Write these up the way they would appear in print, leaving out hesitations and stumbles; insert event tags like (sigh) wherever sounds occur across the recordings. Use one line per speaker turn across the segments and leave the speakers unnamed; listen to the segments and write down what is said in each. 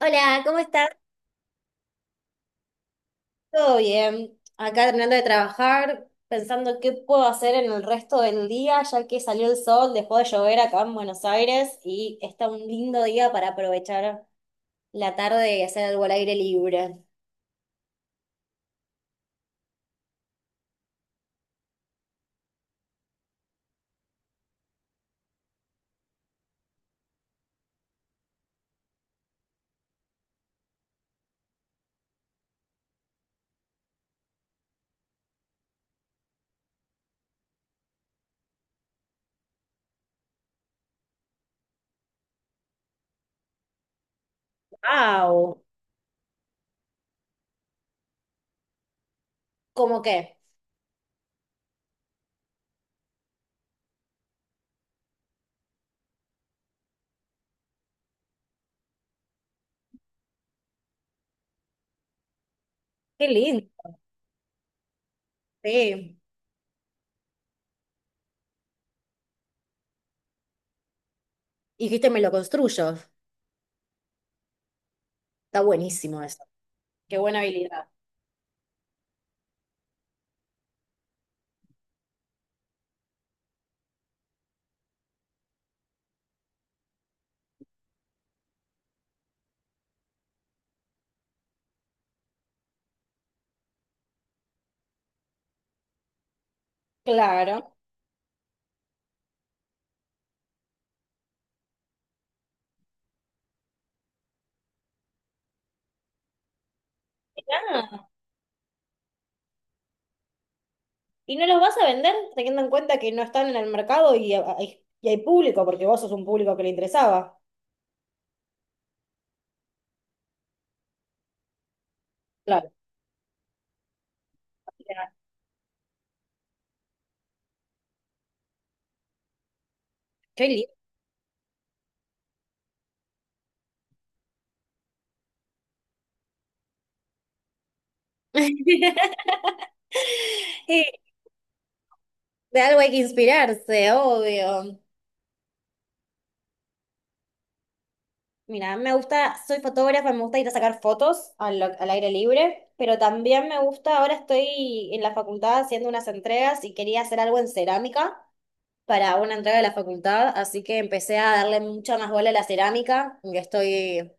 Hola, ¿cómo estás? ¿Todo bien? Acá terminando de trabajar, pensando qué puedo hacer en el resto del día, ya que salió el sol, dejó de llover acá en Buenos Aires y está un lindo día para aprovechar la tarde y hacer algo al aire libre. ¡Wow! ¿Cómo qué? ¡Qué lindo! Sí. Y dijiste, me lo construyo. Está buenísimo eso. Qué buena habilidad. Claro. Mirá, ¿y no los vas a vender teniendo en cuenta que no están en el mercado y, y hay público, porque vos sos un público que le interesaba? Claro. Qué lindo. (laughs) Y de algo hay que inspirarse, obvio. Mira, me gusta, soy fotógrafa, me gusta ir a sacar fotos al aire libre, pero también me gusta, ahora estoy en la facultad haciendo unas entregas y quería hacer algo en cerámica para una entrega de la facultad, así que empecé a darle mucha más bola a la cerámica, que estoy,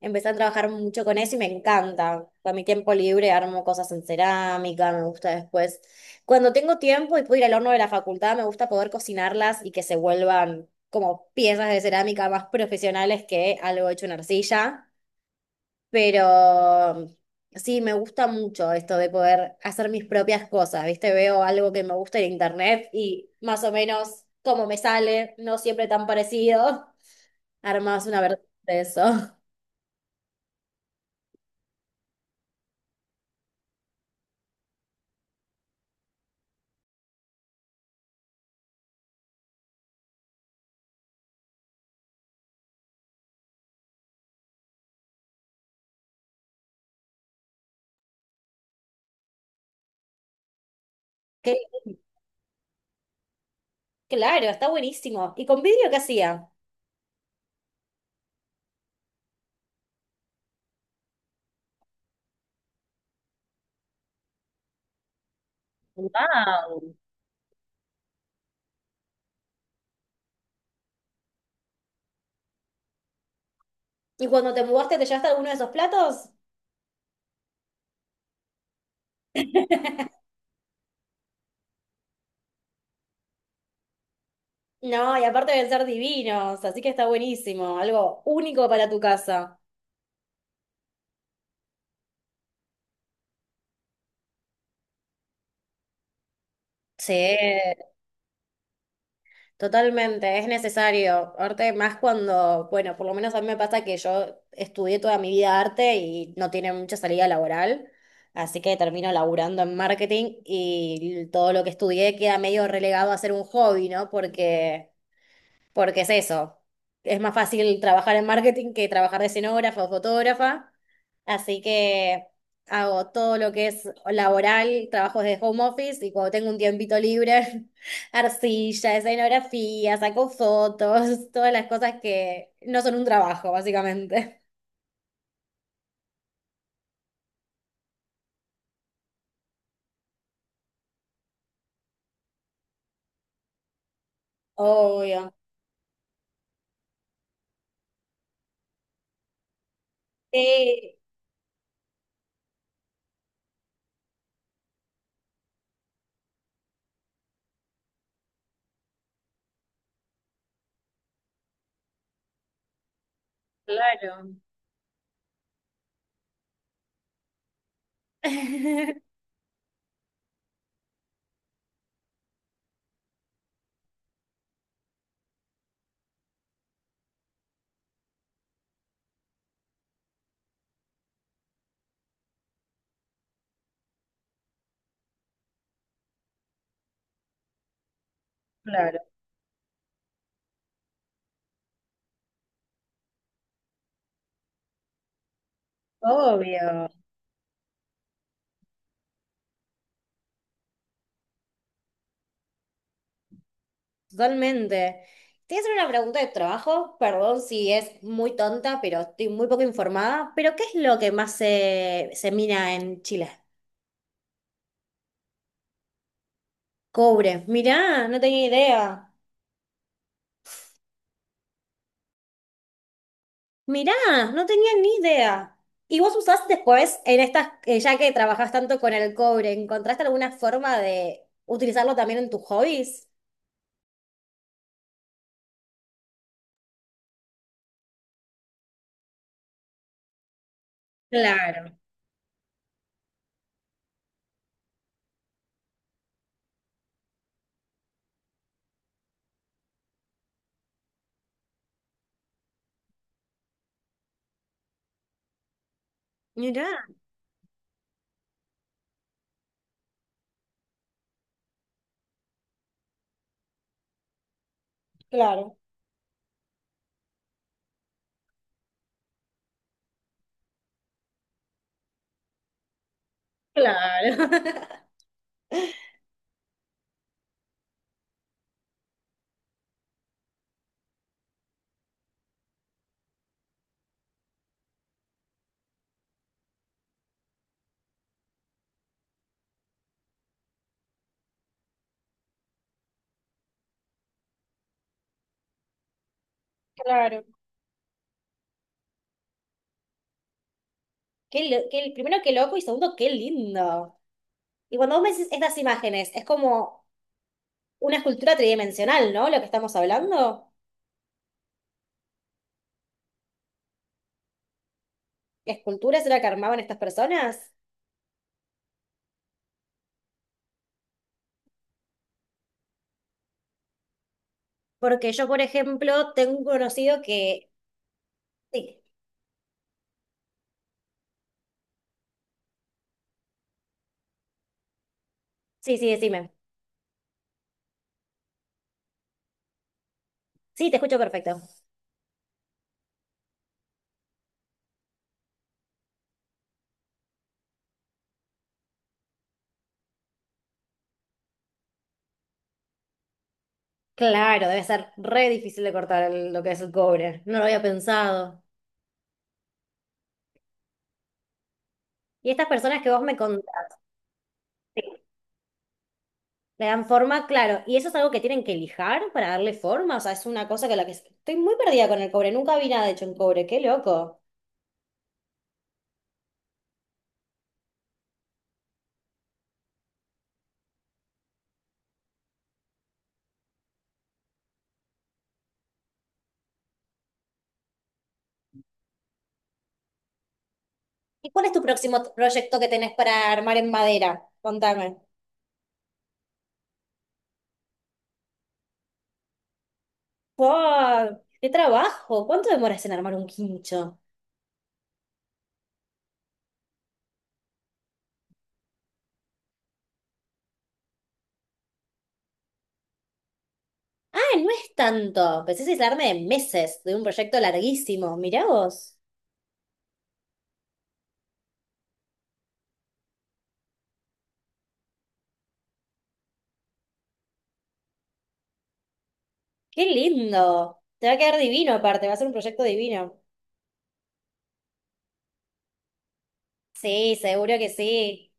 empecé a trabajar mucho con eso y me encanta. Para mi tiempo libre armo cosas en cerámica, me gusta después. Cuando tengo tiempo y puedo ir al horno de la facultad, me gusta poder cocinarlas y que se vuelvan como piezas de cerámica más profesionales que algo hecho en arcilla. Pero sí, me gusta mucho esto de poder hacer mis propias cosas, ¿viste? Veo algo que me gusta en internet y más o menos como me sale, no siempre tan parecido, (laughs) armas una versión de eso. (laughs) Que, claro, está buenísimo. ¿Y con vidrio qué hacía? Wow. ¿Y cuando te mudaste te llevaste alguno de esos platos? No, y aparte deben ser divinos, así que está buenísimo, algo único para tu casa. Sí, totalmente, es necesario. Arte más cuando, bueno, por lo menos a mí me pasa que yo estudié toda mi vida arte y no tiene mucha salida laboral, así que termino laburando en marketing y todo lo que estudié queda medio relegado a ser un hobby, ¿no? Porque es eso. Es más fácil trabajar en marketing que trabajar de escenógrafa o fotógrafa. Así que hago todo lo que es laboral, trabajos de home office y cuando tengo un tiempito libre, (laughs) arcilla, escenografía, saco fotos, todas las cosas que no son un trabajo, básicamente. Obvio. Sí, claro. (laughs) Claro, obvio. Totalmente. Te voy a hacer una pregunta de trabajo, perdón si es muy tonta, pero estoy muy poco informada. ¿Pero qué es lo que más se mina en Chile? Cobre. Mirá, no tenía idea. Mirá, no tenía ni idea. ¿Y vos usás después, en estas, ya que trabajás tanto con el cobre, encontraste alguna forma de utilizarlo también en tus hobbies? Claro, mirá. Claro, claro. (laughs) Claro. Qué, lo- qué- primero, qué loco y segundo, qué lindo. Y cuando vos me decís estas imágenes, es como una escultura tridimensional, ¿no? Lo que estamos hablando. ¿Esculturas era que armaban estas personas? Porque yo, por ejemplo, tengo un conocido que... Sí, sí, sí, decime. Sí, te escucho perfecto. Claro, debe ser re difícil de cortar el- lo que es el cobre. No lo había pensado. Y estas personas que vos me contás, sí, le dan forma, claro. ¿Y eso es algo que tienen que lijar para darle forma? O sea, es una cosa que la que... Estoy muy perdida con el cobre. Nunca vi nada hecho en cobre. Qué loco. ¿Y cuál es tu próximo t- proyecto que tenés para armar en madera? Contame. ¡Wow! ¡Qué trabajo! ¿Cuánto demoras en armar un quincho? Ah, no es tanto. Pensé que es darme de meses de un proyecto larguísimo. Mirá vos. ¡Qué lindo! Te va a quedar divino aparte, va a ser un proyecto divino. Sí, seguro que sí.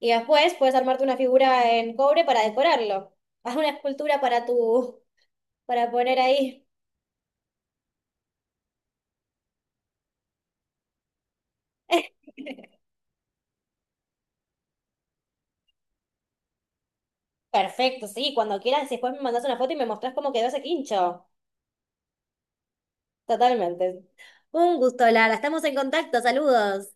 Y después puedes armarte una figura en cobre para decorarlo. Haz una escultura para tu, para poner ahí. (laughs) Perfecto, sí, cuando quieras, después me mandas una foto y me mostrás cómo quedó ese quincho. Totalmente. Un gusto, Lara. Estamos en contacto. Saludos.